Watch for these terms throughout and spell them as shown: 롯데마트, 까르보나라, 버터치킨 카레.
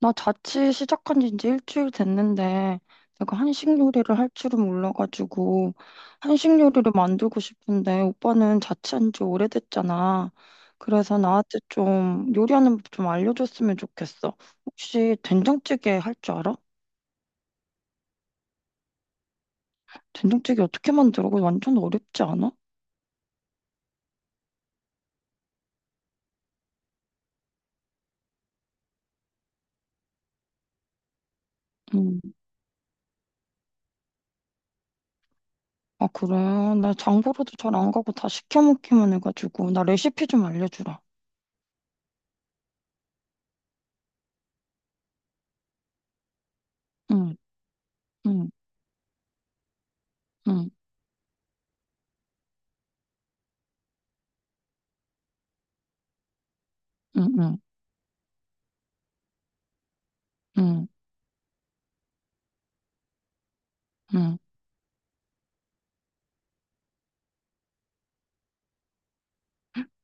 나 자취 시작한 지 이제 1주일 됐는데, 내가 한식 요리를 할 줄은 몰라가지고, 한식 요리를 만들고 싶은데, 오빠는 자취한 지 오래됐잖아. 그래서 나한테 좀 요리하는 법 좀 알려줬으면 좋겠어. 혹시 된장찌개 할 줄 알아? 된장찌개 어떻게 만들어? 그거 완전 어렵지 않아? 음. 아, 그래. 나 장보러도 잘 안 가고 다 시켜 먹기만 해가지고, 나 레시피 좀 알려주라. 응, 응, 응, 응, 응, 응, 응.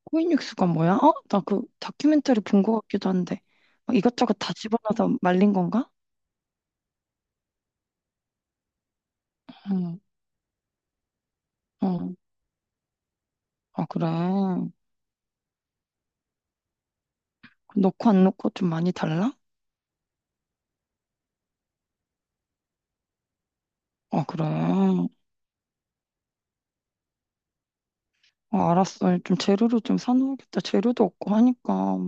코인육수가 뭐야? 어? 나 그 다큐멘터리 본 것 같기도 한데. 어, 이것저것 다 집어넣어서 말린 건가? 응, 어. 아, 그래. 넣고 안 넣고 좀 많이 달라? 아, 그래. 아, 알았어. 좀 재료를 좀 사놓으겠다. 재료도 없고 하니까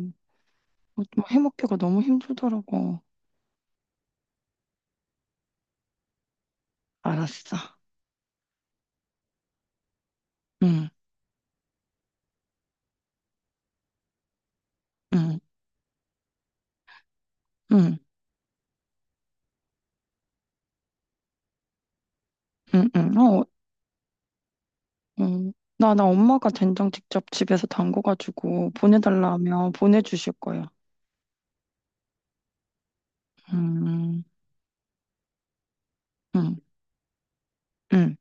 좀 해먹기가 너무 힘들더라고. 알았어. 응, 응, 응, 응, 응. 어, 응. 나 엄마가 된장 직접 집에서 담궈가지고 보내달라 하면 보내주실 거야. 음, 응, 응,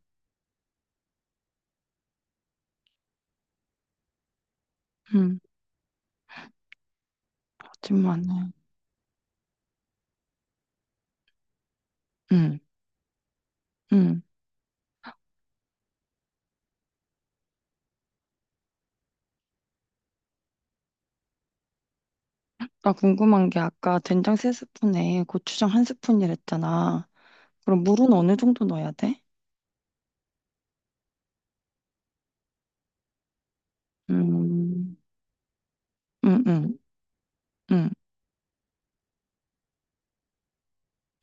응. 많마요 응, 응. 나 궁금한 게 아까 된장 세스푼에 고추장 한 스푼이랬잖아. 그럼 물은 어느 정도 넣어야 돼? 음, 응, 응, 응,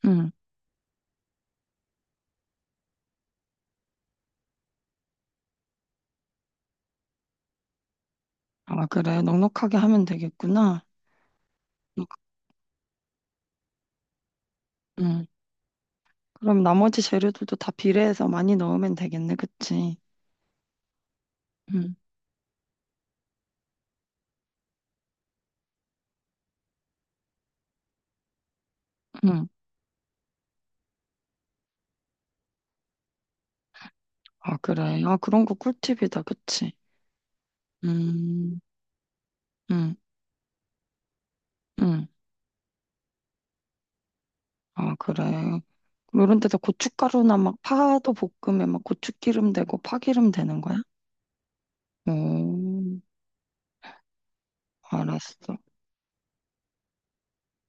응. 아, 그래. 넉넉하게 하면 되겠구나. 응. 그럼 나머지 재료들도 다 비례해서 많이 넣으면 되겠네, 그치? 응, 응. 아, 그래. 아, 그런 거 꿀팁이다, 그치? 음, 응, 응. 아, 그래. 요런 데서 고춧가루나 막 파도 볶으면 막 고추기름 되고 파기름 되는 거야? 오, 알았어.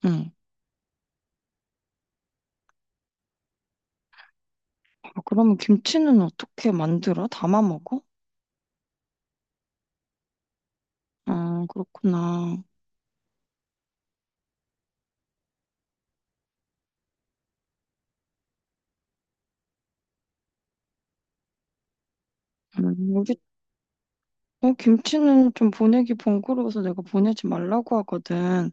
응. 아, 그러면 김치는 어떻게 만들어? 담아 먹어? 아, 그렇구나. 우리, 어, 김치는 좀 보내기 번거로워서 내가 보내지 말라고 하거든.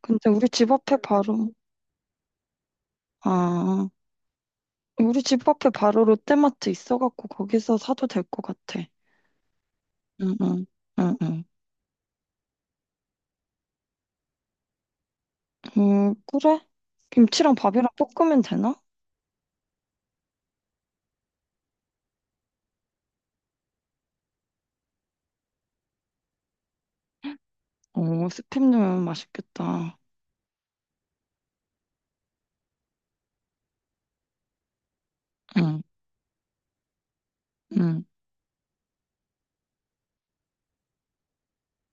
근데 우리 집 앞에 바로, 아, 우리 집 앞에 바로 롯데마트 있어갖고 거기서 사도 될 것 같아. 응, 응, 응, 응. 그래? 김치랑 밥이랑 볶으면 되나? 오, 스팸 넣으면 맛있겠다. 응, 응,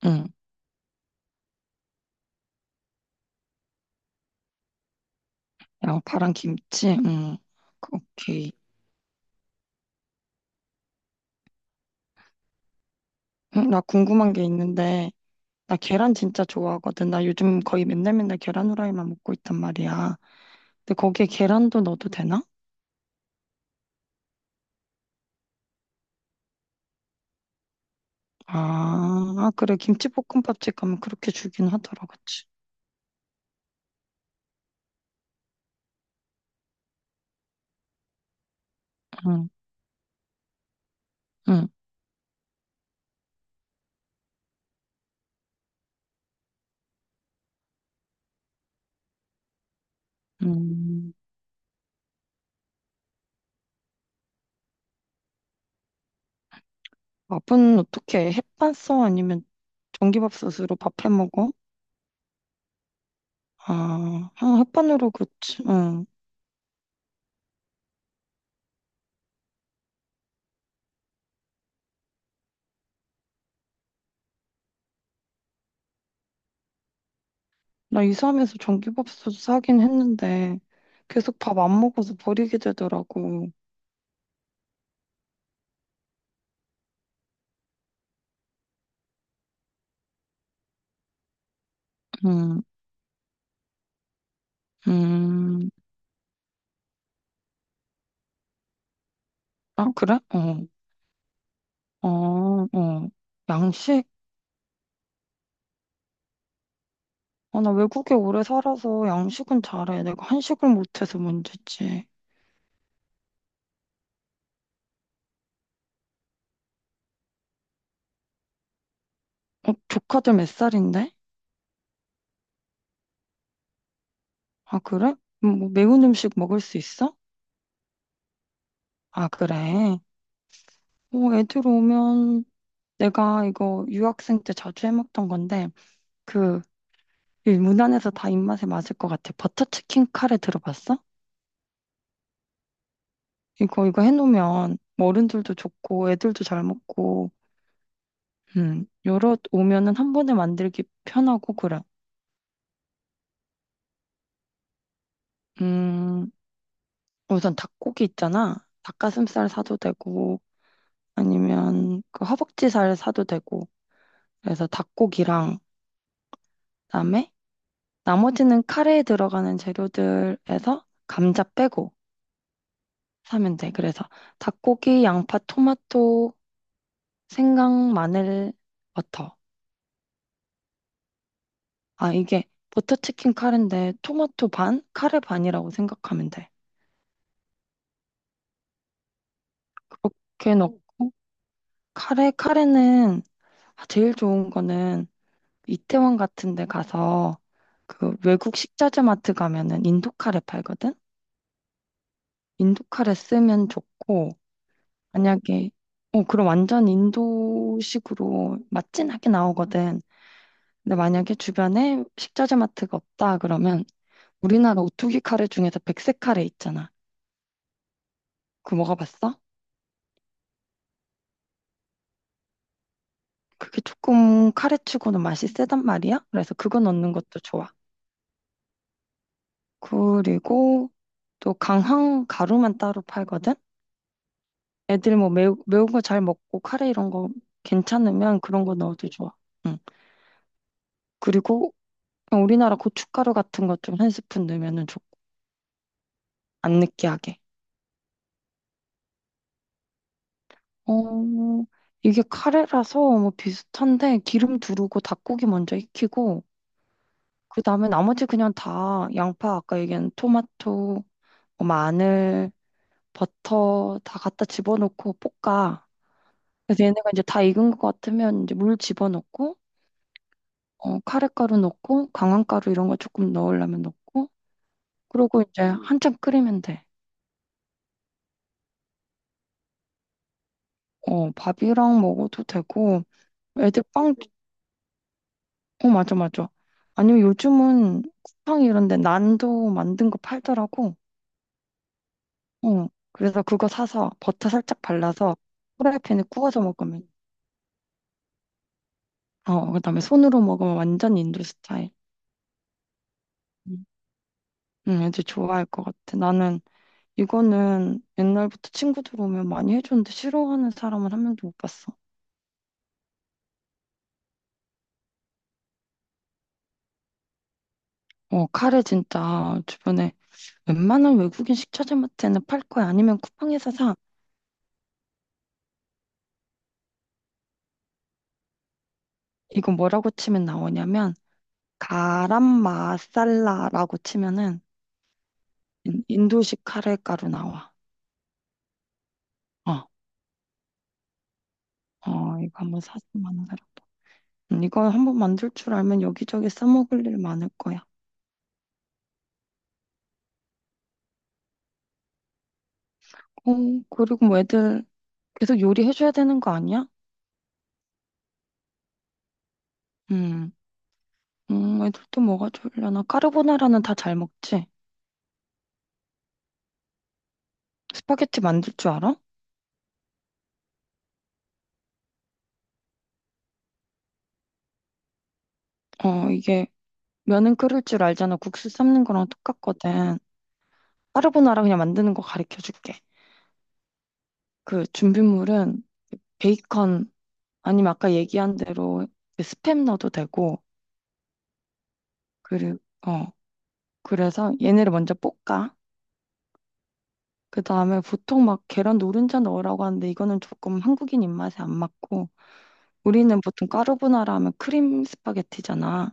응. 양파랑 김치? 오케이. 응, 나 궁금한 게 있는데, 나 계란 진짜 좋아하거든. 나 요즘 거의 맨날 맨날 계란 후라이만 먹고 있단 말이야. 근데 거기에 계란도 넣어도 되나? 아, 아, 그래. 김치볶음밥집 가면 그렇게 주긴 하더라, 그치? 응, 응, 응. 밥은 어떻게 해? 햇반 써? 아니면 전기밥솥으로 밥해 먹어? 아, 아, 햇반으로 그치. 응. 나 이사하면서 전기밥솥 사긴 했는데, 계속 밥 안 먹어서 버리게 되더라고. 음, 음, 아, 그래? 어, 어, 어. 양식? 아, 나 외국에 오래 살아서 양식은 잘해. 내가 한식을 못해서 문제지. 어, 조카들 몇 살인데? 아, 그래? 뭐 매운 음식 먹을 수 있어? 아, 그래. 어, 애들 오면 내가 이거 유학생 때 자주 해먹던 건데, 그, 이 무난해서 다 입맛에 맞을 것 같아. 버터치킨 카레 들어봤어? 이거 해놓으면 어른들도 좋고 애들도 잘 먹고 여러 오면은 한 번에 만들기 편하고 그래. 음, 우선 닭고기 있잖아. 닭가슴살 사도 되고 아니면 그 허벅지살 사도 되고. 그래서 닭고기랑 그다음에 나머지는 카레에 들어가는 재료들에서 감자 빼고 사면 돼. 그래서 닭고기, 양파, 토마토, 생강, 마늘, 버터. 아, 이게 버터 치킨 카레인데 토마토 반, 카레 반이라고 생각하면 돼. 그렇게 넣고 카레는 아, 제일 좋은 거는 이태원 같은 데 가서 그 외국 식자재 마트 가면은 인도 카레 팔거든? 인도 카레 쓰면 좋고 만약에 어 그럼 완전 인도식으로 맛진하게 나오거든. 근데 만약에 주변에 식자재 마트가 없다 그러면 우리나라 오뚜기 카레 중에서 백색 카레 있잖아. 그거 먹어봤어? 그게 조금 카레치고는 맛이 세단 말이야. 그래서 그거 넣는 것도 좋아. 그리고 또 강황 가루만 따로 팔거든. 애들 뭐 매운 거 잘 먹고 카레 이런 거 괜찮으면 그런 거 넣어도 좋아. 응. 그리고 그냥 우리나라 고춧가루 같은 거 좀 한 스푼 넣으면은 좋고 안 느끼하게. 어, 이게 카레라서 뭐 비슷한데 기름 두르고 닭고기 먼저 익히고 그다음에 나머지 그냥 다 양파 아까 얘기한 토마토, 뭐 마늘, 버터 다 갖다 집어넣고 볶아. 그래서 얘네가 이제 다 익은 것 같으면 이제 물 집어넣고 어, 카레가루 넣고 강황가루 이런 거 조금 넣으려면 넣고 그리고 이제 한참 끓이면 돼. 어, 밥이랑 먹어도 되고 애들 빵, 어, 맞아, 맞아. 아니면 요즘은 쿠팡 이런 데 난도 만든 거 팔더라고. 어, 그래서 그거 사서 버터 살짝 발라서 프라이팬에 구워서 먹으면 어, 그다음에 손으로 먹으면 완전 인도 스타일. 음. 응, 애들 좋아할 것 같아. 나는 이거는 옛날부터 친구들 오면 많이 해줬는데 싫어하는 사람은 한 명도 못 봤어. 어, 카레 진짜 주변에 웬만한 외국인 식자재마트에는 팔 거야. 아니면 쿠팡에서 사. 이거 뭐라고 치면 나오냐면 가람 마살라라고 치면은 인도식 카레 가루 나와. 어, 어, 이거 한번 사서 만들어 봐. 이거 한번 만들 줄 알면 여기저기 써먹을 일 많을 거야. 어, 그리고 뭐 애들 계속 요리해줘야 되는 거 아니야? 음, 애들 또 뭐가 좋으려나? 까르보나라는 다 잘 먹지? 스파게티 만들 줄 알아? 어, 이게 면은 끓일 줄 알잖아. 국수 삶는 거랑 똑같거든. 까르보나라 그냥 만드는 거 가르쳐 줄게. 그 준비물은 베이컨 아니면 아까 얘기한 대로 그 스팸 넣어도 되고 그리고 어 그래서 얘네를 먼저 볶아. 그 다음에 보통 막 계란 노른자 넣으라고 하는데 이거는 조금 한국인 입맛에 안 맞고 우리는 보통 까르보나라 하면 크림 스파게티잖아.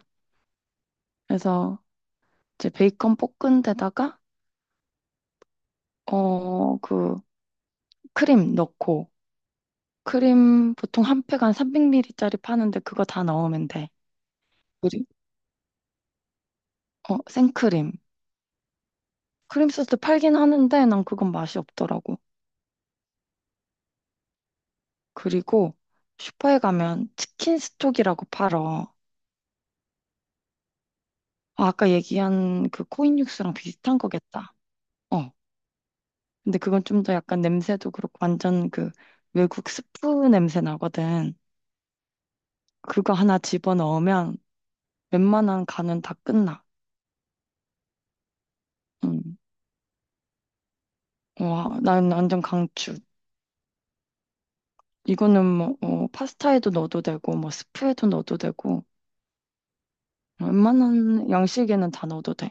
그래서 이제 베이컨 볶은 데다가 어 그 크림 넣고 크림 보통 한 팩 한 300ml짜리 파는데 그거 다 넣으면 돼. 그리 어, 생크림. 크림 소스 팔긴 하는데 난 그건 맛이 없더라고. 그리고 슈퍼에 가면 치킨 스톡이라고 팔어. 아, 아까 얘기한 그 코인 육수랑 비슷한 거겠다. 어. 근데 그건 좀 더 약간 냄새도 그렇고 완전 그 외국 스프 냄새 나거든. 그거 하나 집어넣으면 웬만한 간은 다 끝나. 응. 와, 난 완전 강추. 이거는 뭐 어, 파스타에도 넣어도 되고 뭐 스프에도 넣어도 되고 웬만한 양식에는 다 넣어도 돼.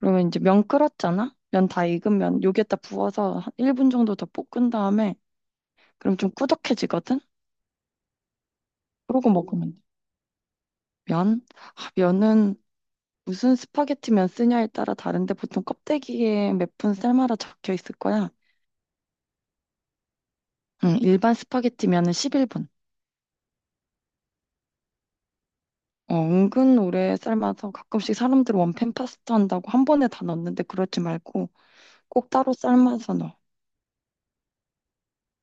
그러면 이제 면 끓었잖아? 면 다 익으면 여기에다 부어서 한 1분 정도 더 볶은 다음에 그럼 좀 꾸덕해지거든? 그러고 먹으면 돼. 면? 아, 면은 무슨 스파게티 면 쓰냐에 따라 다른데 보통 껍데기에 몇 분 삶아라 적혀 있을 거야. 응, 일반 스파게티 면은 11분. 어, 은근 오래 삶아서 가끔씩 사람들 원팬 파스타 한다고 한 번에 다 넣는데 그러지 말고 꼭 따로 삶아서 넣어.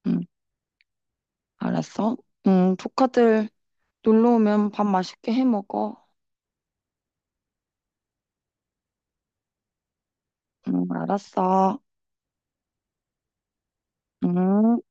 응, 알았어. 응, 조카들 놀러 오면 밥 맛있게 해 먹어. 응, 알았어. 응.